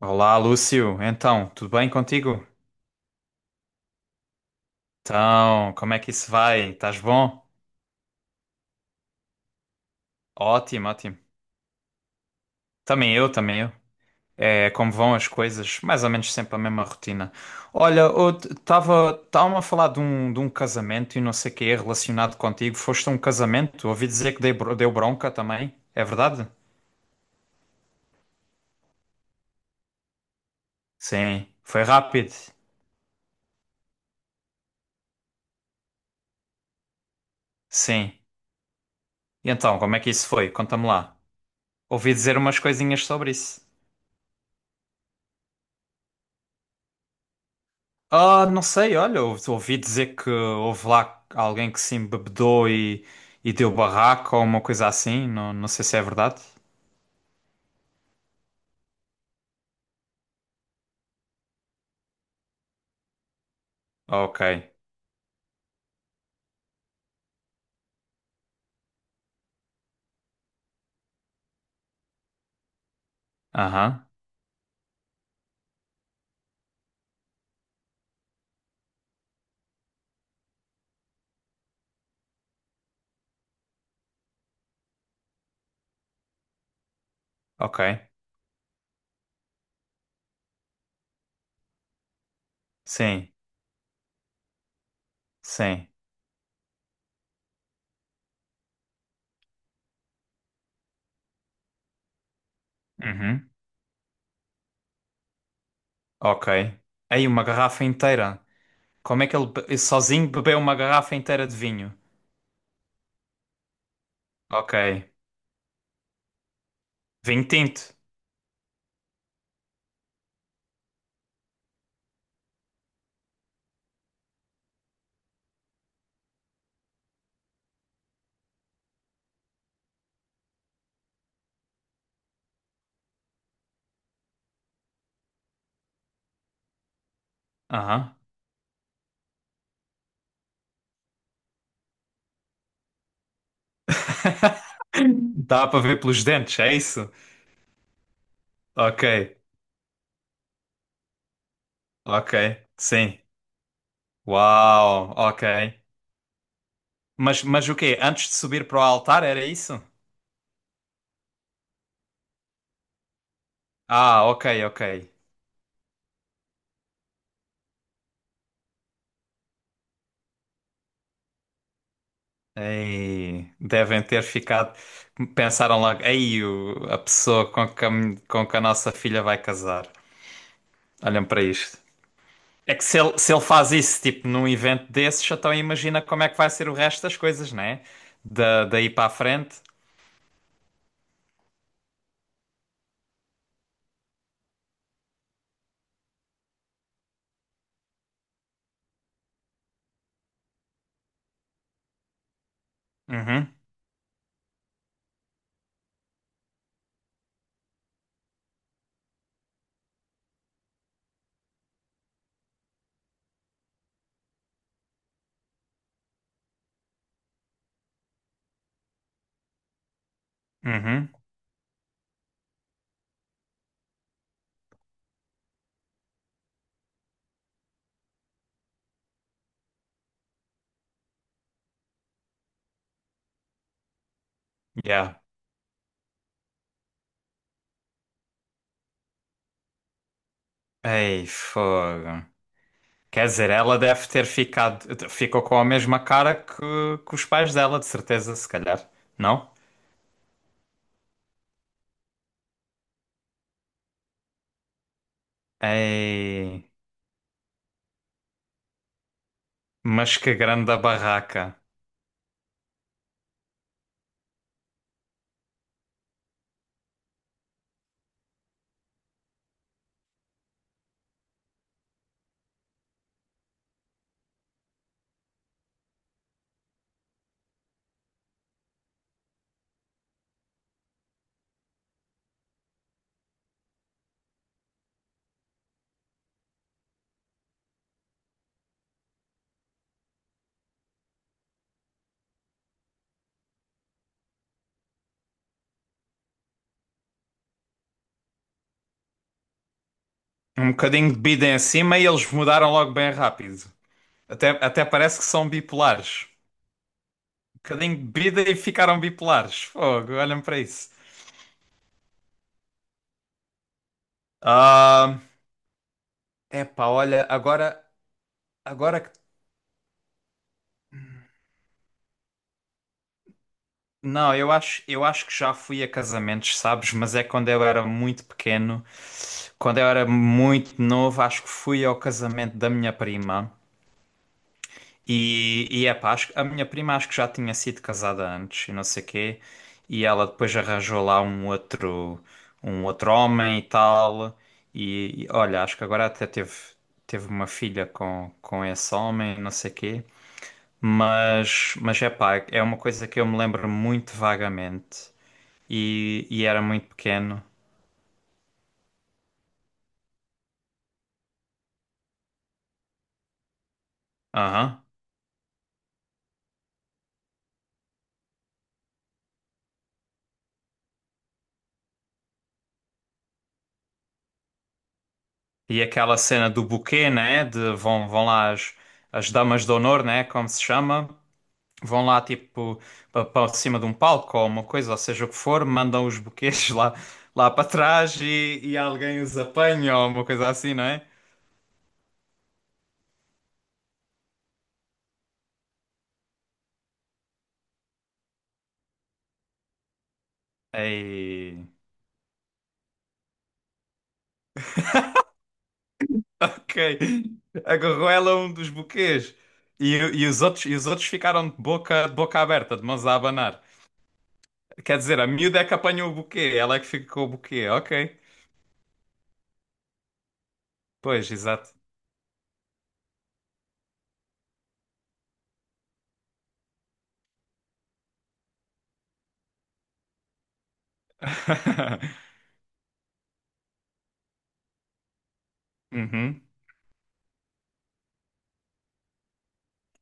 Olá, Lúcio. Então, tudo bem contigo? Então, como é que isso vai? Estás bom? Ótimo, ótimo. Também eu, também eu. É como vão as coisas, mais ou menos sempre a mesma rotina. Olha, eu estava a falar de um casamento e não sei o que é relacionado contigo. Foste a um casamento? Ouvi dizer que deu bronca também. É verdade? Sim, foi rápido. Sim. E então, como é que isso foi? Conta-me lá. Ouvi dizer umas coisinhas sobre isso. Ah, não sei, olha, ouvi dizer que houve lá alguém que se embebedou e deu barraco ou uma coisa assim, não, não sei se é verdade. Ok, aham, ok, sim, sim, uhum, ok. Aí uma garrafa inteira, como é que ele sozinho bebeu uma garrafa inteira de vinho? Ok, vinho tinto, aham. Dá para ver pelos dentes, é isso? Ok, ok, sim, uau, ok. Mas o quê? Antes de subir para o altar, era isso? Ah, ok, ok. Ei, devem ter ficado. Pensaram logo, ei, a pessoa com que com que a nossa filha vai casar. Olhem para isto. É que se ele, se ele faz isso, tipo, num evento desses, então imagina como é que vai ser o resto das coisas, né? Da, daí para a frente. Uhum, uhum, yeah. Ei, fogo. Quer dizer, ela deve ter ficado, ficou com a mesma cara que os pais dela, de certeza, se calhar, não? Ei, mas que grande barraca. Um bocadinho de bida em cima e eles mudaram logo bem rápido. Até, até parece que são bipolares. Um bocadinho de bebida e ficaram bipolares. Fogo, olhem para isso. Ah, epá, olha, agora, agora que não, eu acho que já fui a casamentos, sabes? Mas é quando eu era muito pequeno. Quando eu era muito novo, acho que fui ao casamento da minha prima. E é pá, acho, a minha prima acho que já tinha sido casada antes e não sei quê. E ela depois arranjou lá um outro homem e tal. E olha, acho que agora até teve, teve uma filha com esse homem, não sei quê. Mas é pá, é uma coisa que eu me lembro muito vagamente e era muito pequeno. Aham. E aquela cena do buquê, né? De vão, vão lá as, as damas de honor, né? Como se chama. Vão lá tipo para cima de um palco ou uma coisa, ou seja o que for, mandam os buquês lá, lá para trás e alguém os apanha ou uma coisa assim, não é? Ei. Ok. Agarrou ela um dos buquês. E os outros ficaram de boca aberta, de mãos a abanar. Quer dizer, a miúda é que apanhou o buquê, ela é que fica com o buquê, ok. Pois, exato. Uhum.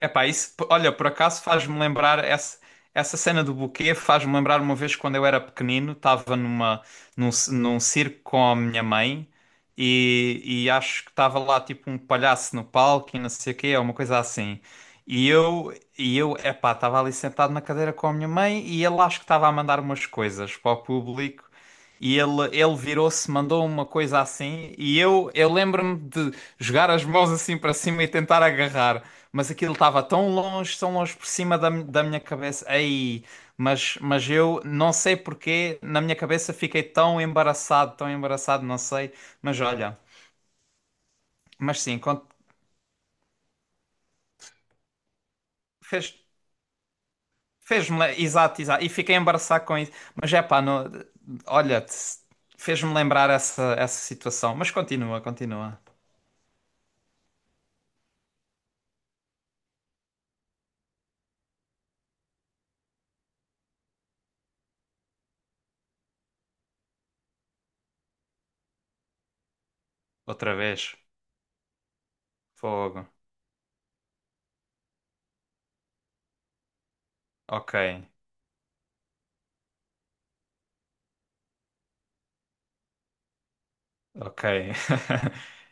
Epá, isso, olha, por acaso faz-me lembrar essa, essa cena do buquê, faz-me lembrar uma vez quando eu era pequenino, estava numa, num circo com a minha mãe e, e acho que estava lá tipo um palhaço no palco e não sei o quê, uma coisa assim. E eu, epá, estava ali sentado na cadeira com a minha mãe e ele acho que estava a mandar umas coisas para o público. E ele virou-se, mandou uma coisa assim, e eu lembro-me de jogar as mãos assim para cima e tentar agarrar. Mas aquilo estava tão longe por cima da minha cabeça. Aí mas eu não sei porquê, na minha cabeça fiquei tão embaraçado, não sei. Mas olha, mas sim, fez, exato, exato. E fiquei embaraçado com isso. Mas é pá, não, olha, fez-me lembrar essa, essa situação. Mas continua, continua. Outra vez. Fogo. Ok, ok.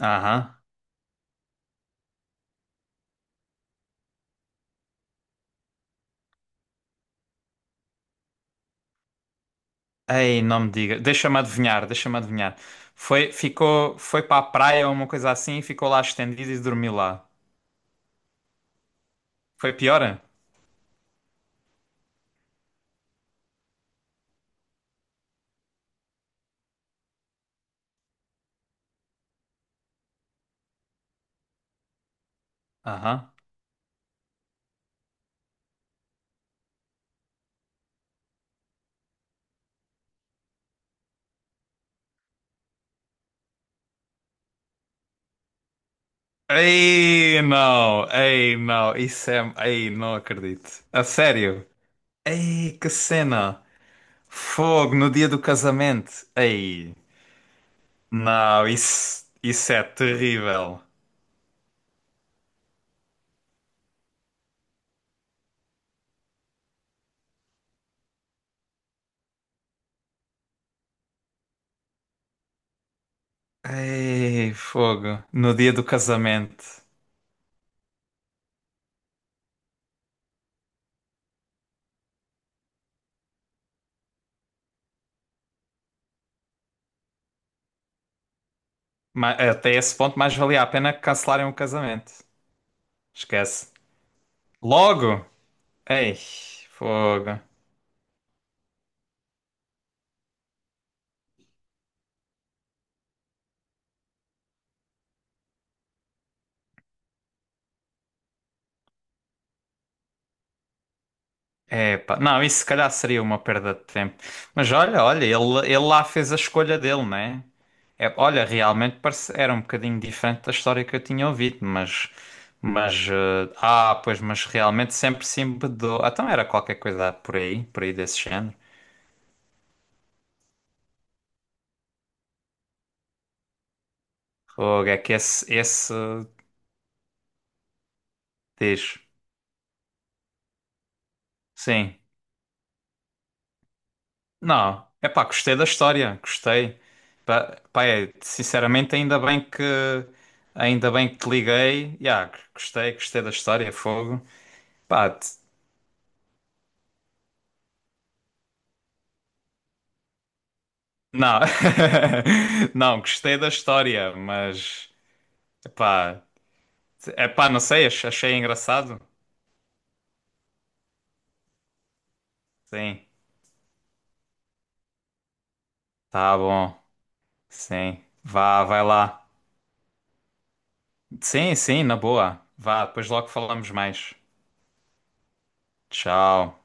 Aham. Ei, não me diga. Deixa-me adivinhar, deixa-me adivinhar. Foi, ficou, foi para a praia ou uma coisa assim e ficou lá estendido e dormiu lá. Foi pior? Aham. Ei, não. Ei, não. Isso é... Ei, não acredito. A sério? Ei, que cena. Fogo no dia do casamento. Ei. Não, isso é terrível. Ei, fogo. No dia do casamento. Até esse ponto mais valia a pena cancelarem o casamento. Esquece. Logo? Ei, fogo. Epá, não, isso se calhar seria uma perda de tempo. Mas olha, olha, ele lá fez a escolha dele, né? É, olha, realmente parece, era um bocadinho diferente da história que eu tinha ouvido, mas. Mas. Ah, pois, mas realmente sempre se embedou. Ah, então era qualquer coisa por aí desse género. Fogo, é que esse. Esse. Diz. Sim. Não, é pá, gostei da história, gostei. Pá, pá, é, sinceramente, ainda bem que te liguei. Yeah, gostei, gostei da história, fogo. Pá, não, não, gostei da história, mas pá, é pá, não sei, achei engraçado. Sim, tá bom, sim, vá, vai lá. Sim, sim, na boa, vá, depois logo falamos mais. Tchau.